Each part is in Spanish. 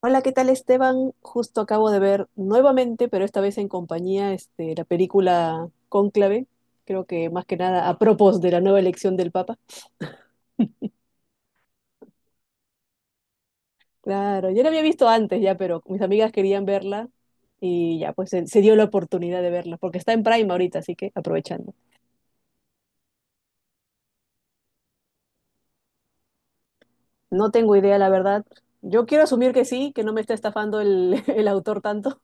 Hola, ¿qué tal, Esteban? Justo acabo de ver nuevamente, pero esta vez en compañía, la película Cónclave, creo que más que nada a propósito de la nueva elección del Papa. Claro, yo la había visto antes ya, pero mis amigas querían verla y ya, pues se dio la oportunidad de verla, porque está en Prime ahorita, así que aprovechando. No tengo idea, la verdad. Yo quiero asumir que sí, que no me está estafando el autor tanto.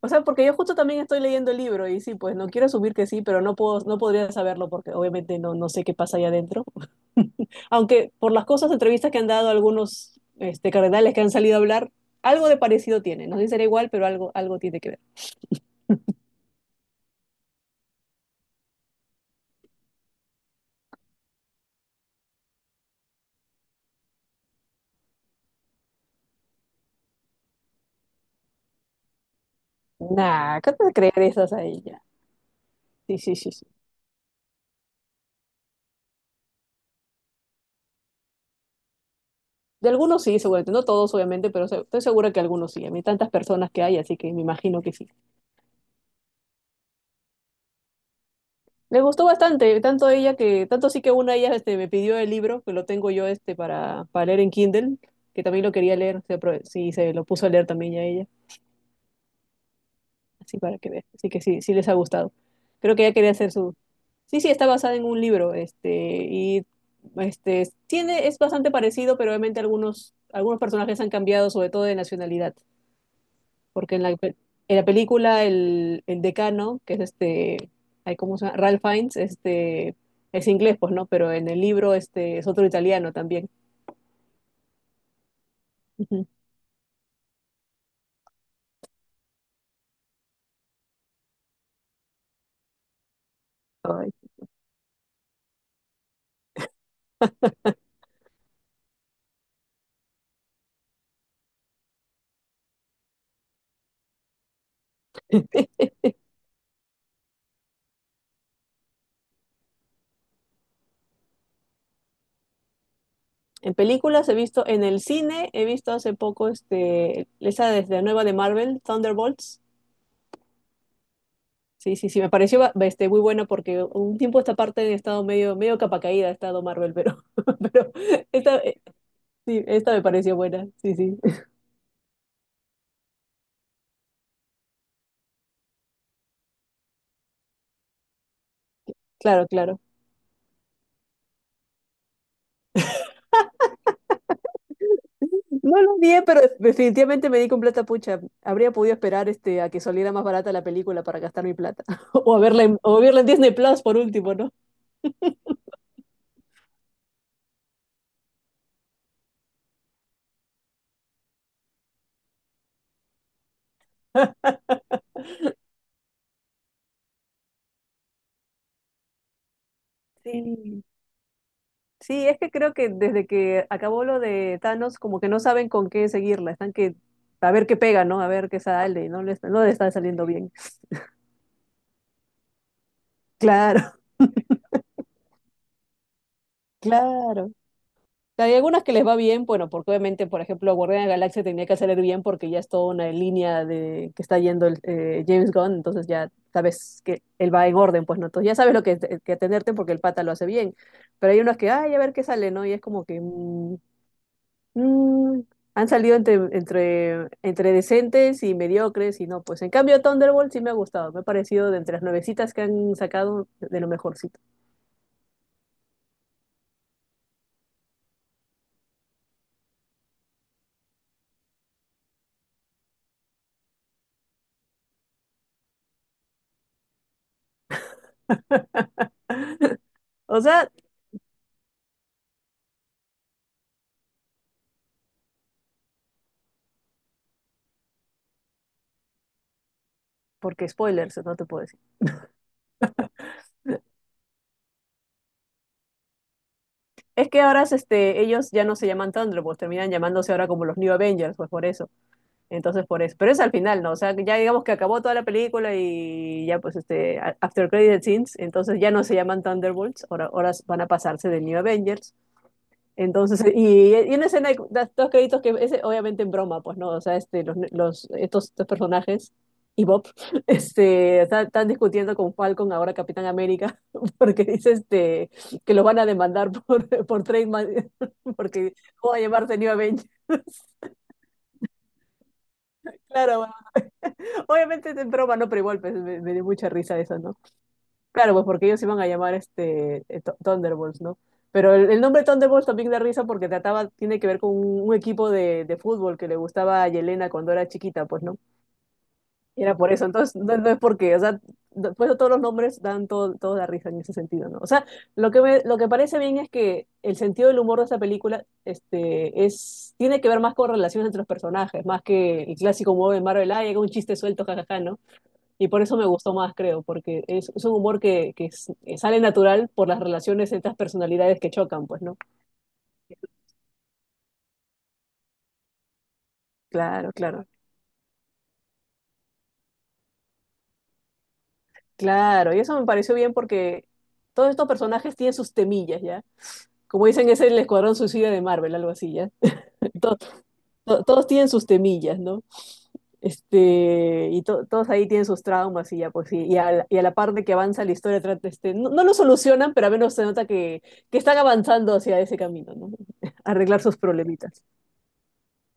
O sea, porque yo justo también estoy leyendo el libro y sí, pues no quiero asumir que sí, pero no puedo, no podría saberlo porque obviamente no sé qué pasa ahí adentro. Aunque por las cosas, entrevistas que han dado algunos cardenales que han salido a hablar, algo de parecido tiene. No sé si será igual, pero algo tiene que ver. Nah, ¿qué te creer esas ahí ya? Sí, sí, sí, sí. De algunos sí, seguramente. No todos, obviamente, pero estoy segura que algunos sí. A mí tantas personas que hay, así que me imagino que sí. Le gustó bastante, tanto sí que una de ellas me pidió el libro, que lo tengo yo para leer en Kindle, que también lo quería leer, sí, se lo puso a leer también ya ella, así para que veas, así que sí, sí les ha gustado. Creo que ella quería hacer su. Sí, sí, está basada en un libro, y es bastante parecido, pero obviamente algunos personajes han cambiado, sobre todo de nacionalidad, porque en en la película el decano, que es ay, ¿cómo se llama? Ralph Fiennes, es inglés, pues, ¿no? Pero en el libro es otro italiano también. Ujú. Ay. En películas he visto, en el cine he visto hace poco esa desde la nueva de Marvel, Thunderbolts. Sí, sí, sí, me pareció muy buena porque un tiempo esta parte he estado medio capa caída, ha estado Marvel, pero esta, eh, sí, esta me pareció buena, sí, sí, claro, claro. No lo odié, pero definitivamente me di con plata pucha. Habría podido esperar a que saliera más barata la película para gastar mi plata. O a verla en Disney Plus por último, ¿no? Sí. Sí, es que creo que desde que acabó lo de Thanos, como que no saben con qué seguirla. Están que a ver qué pega, ¿no? A ver qué sale, y no le está saliendo bien. Claro, claro. Hay algunas que les va bien, bueno, porque obviamente, por ejemplo, Guardián de la Galaxia tenía que salir bien porque ya es toda una línea de que está yendo James Gunn, entonces ya sabes que él va en orden, pues no, entonces ya sabes que atenderte porque el pata lo hace bien. Pero hay unas que, ay, a ver qué sale, ¿no? Y es como que mm, han salido entre decentes y mediocres y no, pues en cambio Thunderbolt sí me ha gustado, me ha parecido de entre las nuevecitas que han sacado de lo mejorcito. O sea, porque spoilers, no te puedo. Es que ahora ellos ya no se llaman Thunderbolts, terminan llamándose ahora como los New Avengers, pues por eso. Entonces, por eso. Pero es al final, ¿no? O sea, ya digamos que acabó toda la película y ya pues after credit scenes, entonces ya no se llaman Thunderbolts, ahora van a pasarse de New Avengers. Entonces, y en la escena hay dos créditos que es obviamente en broma, pues, ¿no? O sea, estos personajes y Bob están discutiendo con Falcon, ahora Capitán América, porque dice que los van a demandar por trademark, porque ¿cómo va a llamarse New Avenger? Claro, obviamente es en broma, no, pero igual pues, me dio mucha risa eso, ¿no? Claro, pues porque ellos se iban a llamar Thunderbolts, ¿no? Pero el nombre Thunderbolts también da risa porque tiene que ver con un equipo de fútbol que le gustaba a Yelena cuando era chiquita, pues, ¿no? Y era por eso, entonces no es porque, o sea, después de todos los nombres dan todo la risa en ese sentido, ¿no? O sea, lo que parece bien es que el sentido del humor de esta película tiene que ver más con relaciones entre los personajes, más que el clásico modo de Marvel, ah, llega un chiste suelto, jajaja, ¿no? Y por eso me gustó más, creo, porque es un humor que sale natural por las relaciones entre las personalidades que chocan, pues, ¿no? Claro, claro, claro. Y eso me pareció bien porque todos estos personajes tienen sus temillas, ¿ya? Como dicen, es el Escuadrón Suicida de Marvel, algo así, ¿ya? Todos tienen sus temillas, ¿no? Todos ahí tienen sus traumas y ya, pues, y a la par de que avanza la historia, trata, este, no, no lo solucionan, pero al menos se nota que, están avanzando hacia ese camino, ¿no? Arreglar sus problemitas.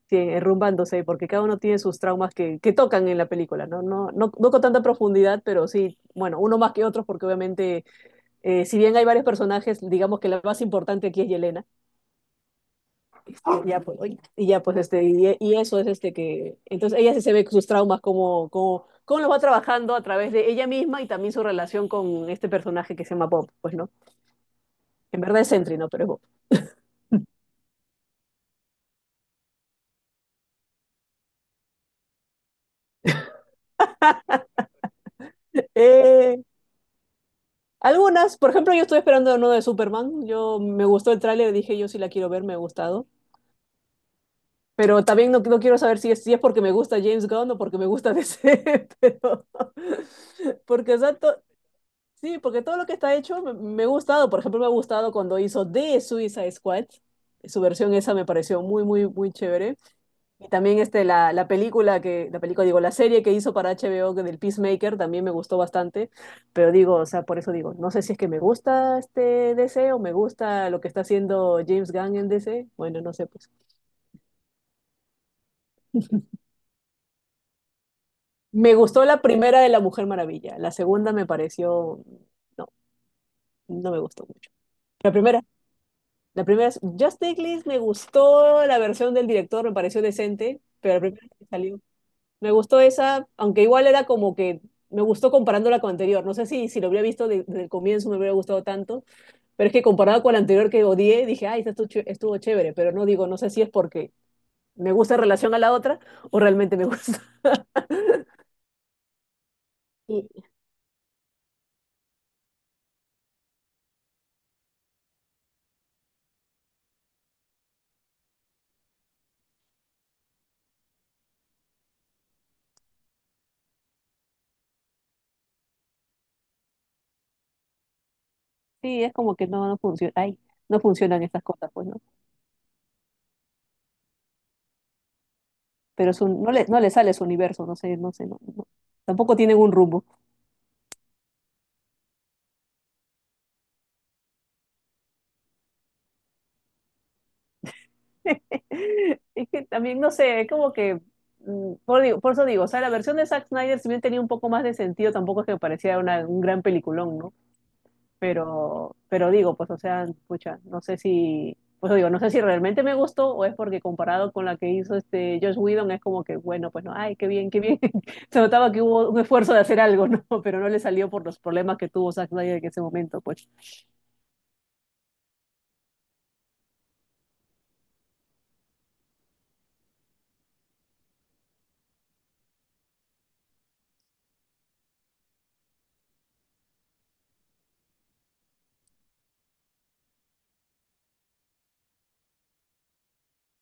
Sí, enrumbándose, porque cada uno tiene sus traumas que tocan en la película, ¿no? No no con tanta profundidad, pero sí, bueno, uno más que otros, porque obviamente, si bien hay varios personajes, digamos que la más importante aquí es Yelena, ya pues, oye, y ya pues, y eso es que, entonces ella sí se ve sus traumas cómo los va trabajando a través de ella misma y también su relación con este personaje que se llama Bob, pues, ¿no? En verdad es Sentry, ¿no? Pero es Bob. Eh, Algunas, por ejemplo, yo estoy esperando uno de Superman. Yo me gustó el tráiler, dije yo sí la quiero ver, me ha gustado. Pero también no quiero saber si es porque me gusta James Gunn o porque me gusta DC, pero porque o sea, sí, porque todo lo que está hecho me ha gustado. Por ejemplo, me ha gustado cuando hizo The Suicide Squad. Su versión esa me pareció muy, muy, muy chévere. Y también la, la película que, la película, digo, la serie que hizo para HBO que del Peacemaker también me gustó bastante, pero digo, o sea, por eso digo, no sé si es que me gusta DC o me gusta lo que está haciendo James Gunn en DC, bueno, no sé, pues. Me gustó la primera de La Mujer Maravilla, la segunda me pareció, no, no me gustó mucho. La primera, la primera es Justice League, me gustó la versión del director, me pareció decente, pero la primera que salió. Me gustó esa, aunque igual era como que me gustó comparándola con la anterior. No sé si lo hubiera visto desde el comienzo me hubiera gustado tanto, pero es que comparado con la anterior que odié, dije, ay, esta estuvo chévere, pero no digo, no sé si es porque me gusta en relación a la otra o realmente me gusta. Y sí, es como que no funciona, ay, no funcionan estas cosas, pues, ¿no? Pero es no le sale su universo, no sé, no sé, no, no. Tampoco tienen un rumbo. Es que también, no sé, es como que, por eso digo, o sea, la versión de Zack Snyder, si bien tenía un poco más de sentido, tampoco es que me parecía un gran peliculón, ¿no? Pero digo, pues, o sea, pucha, no sé si, pues digo, no sé si realmente me gustó o es porque comparado con la que hizo Josh Whedon, es como que, bueno, pues no, ay, qué bien, qué bien. Se notaba que hubo un esfuerzo de hacer algo, ¿no? Pero no le salió por los problemas que tuvo Zack Snyder en ese momento, pues.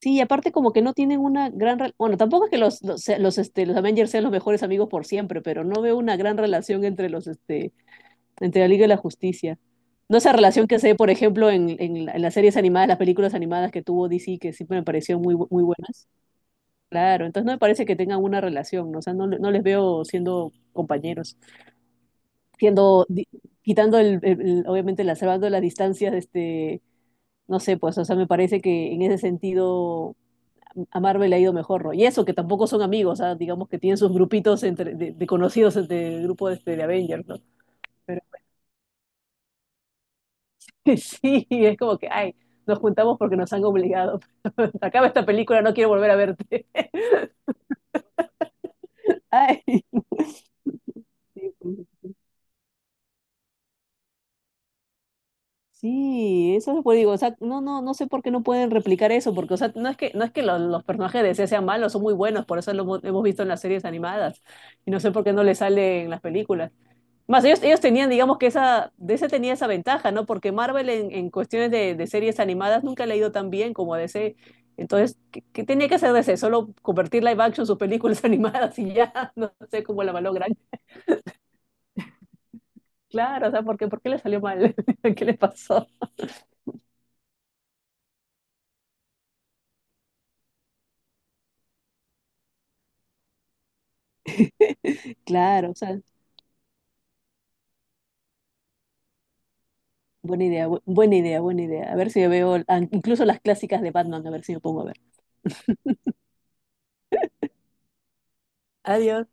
Sí, y aparte como que no tienen una gran— Bueno, tampoco es que los Avengers sean los mejores amigos por siempre, pero no veo una gran relación entre entre la Liga y la Justicia. No esa relación que se ve, por ejemplo, en las series animadas, las películas animadas que tuvo DC, que siempre me parecieron muy buenas. Claro, entonces no me parece que tengan una relación, ¿no? O sea, no les veo siendo compañeros, siendo, di- quitando obviamente, salvando las distancias, no sé, pues, o sea, me parece que en ese sentido a Marvel le ha ido mejor, ¿no? Y eso, que tampoco son amigos, ¿ah? Digamos que tienen sus grupitos de conocidos entre el grupo de Avengers, ¿no? Pero sí, es como que, ay, nos juntamos porque nos han obligado. Acaba esta película, no quiero volver a verte. Ay. Sí, pues. Sí, eso es lo que digo, o sea, no sé por qué no pueden replicar eso, porque, o sea, no es que los personajes de DC sean malos, son muy buenos, por eso lo hemos visto en las series animadas, y no sé por qué no les sale en las películas. Más ellos tenían, digamos que esa, DC tenía esa ventaja, ¿no? Porque Marvel en cuestiones de series animadas nunca le ha ido tan bien como a DC. Entonces, qué tenía que hacer DC? Solo convertir live action sus películas animadas y ya, no sé cómo la malogran. Claro, o sea, por qué le salió mal? ¿Qué le pasó? Claro, o sea, buena idea, buena idea, buena idea. A ver si veo, incluso las clásicas de Batman, a ver si me pongo a ver. Adiós.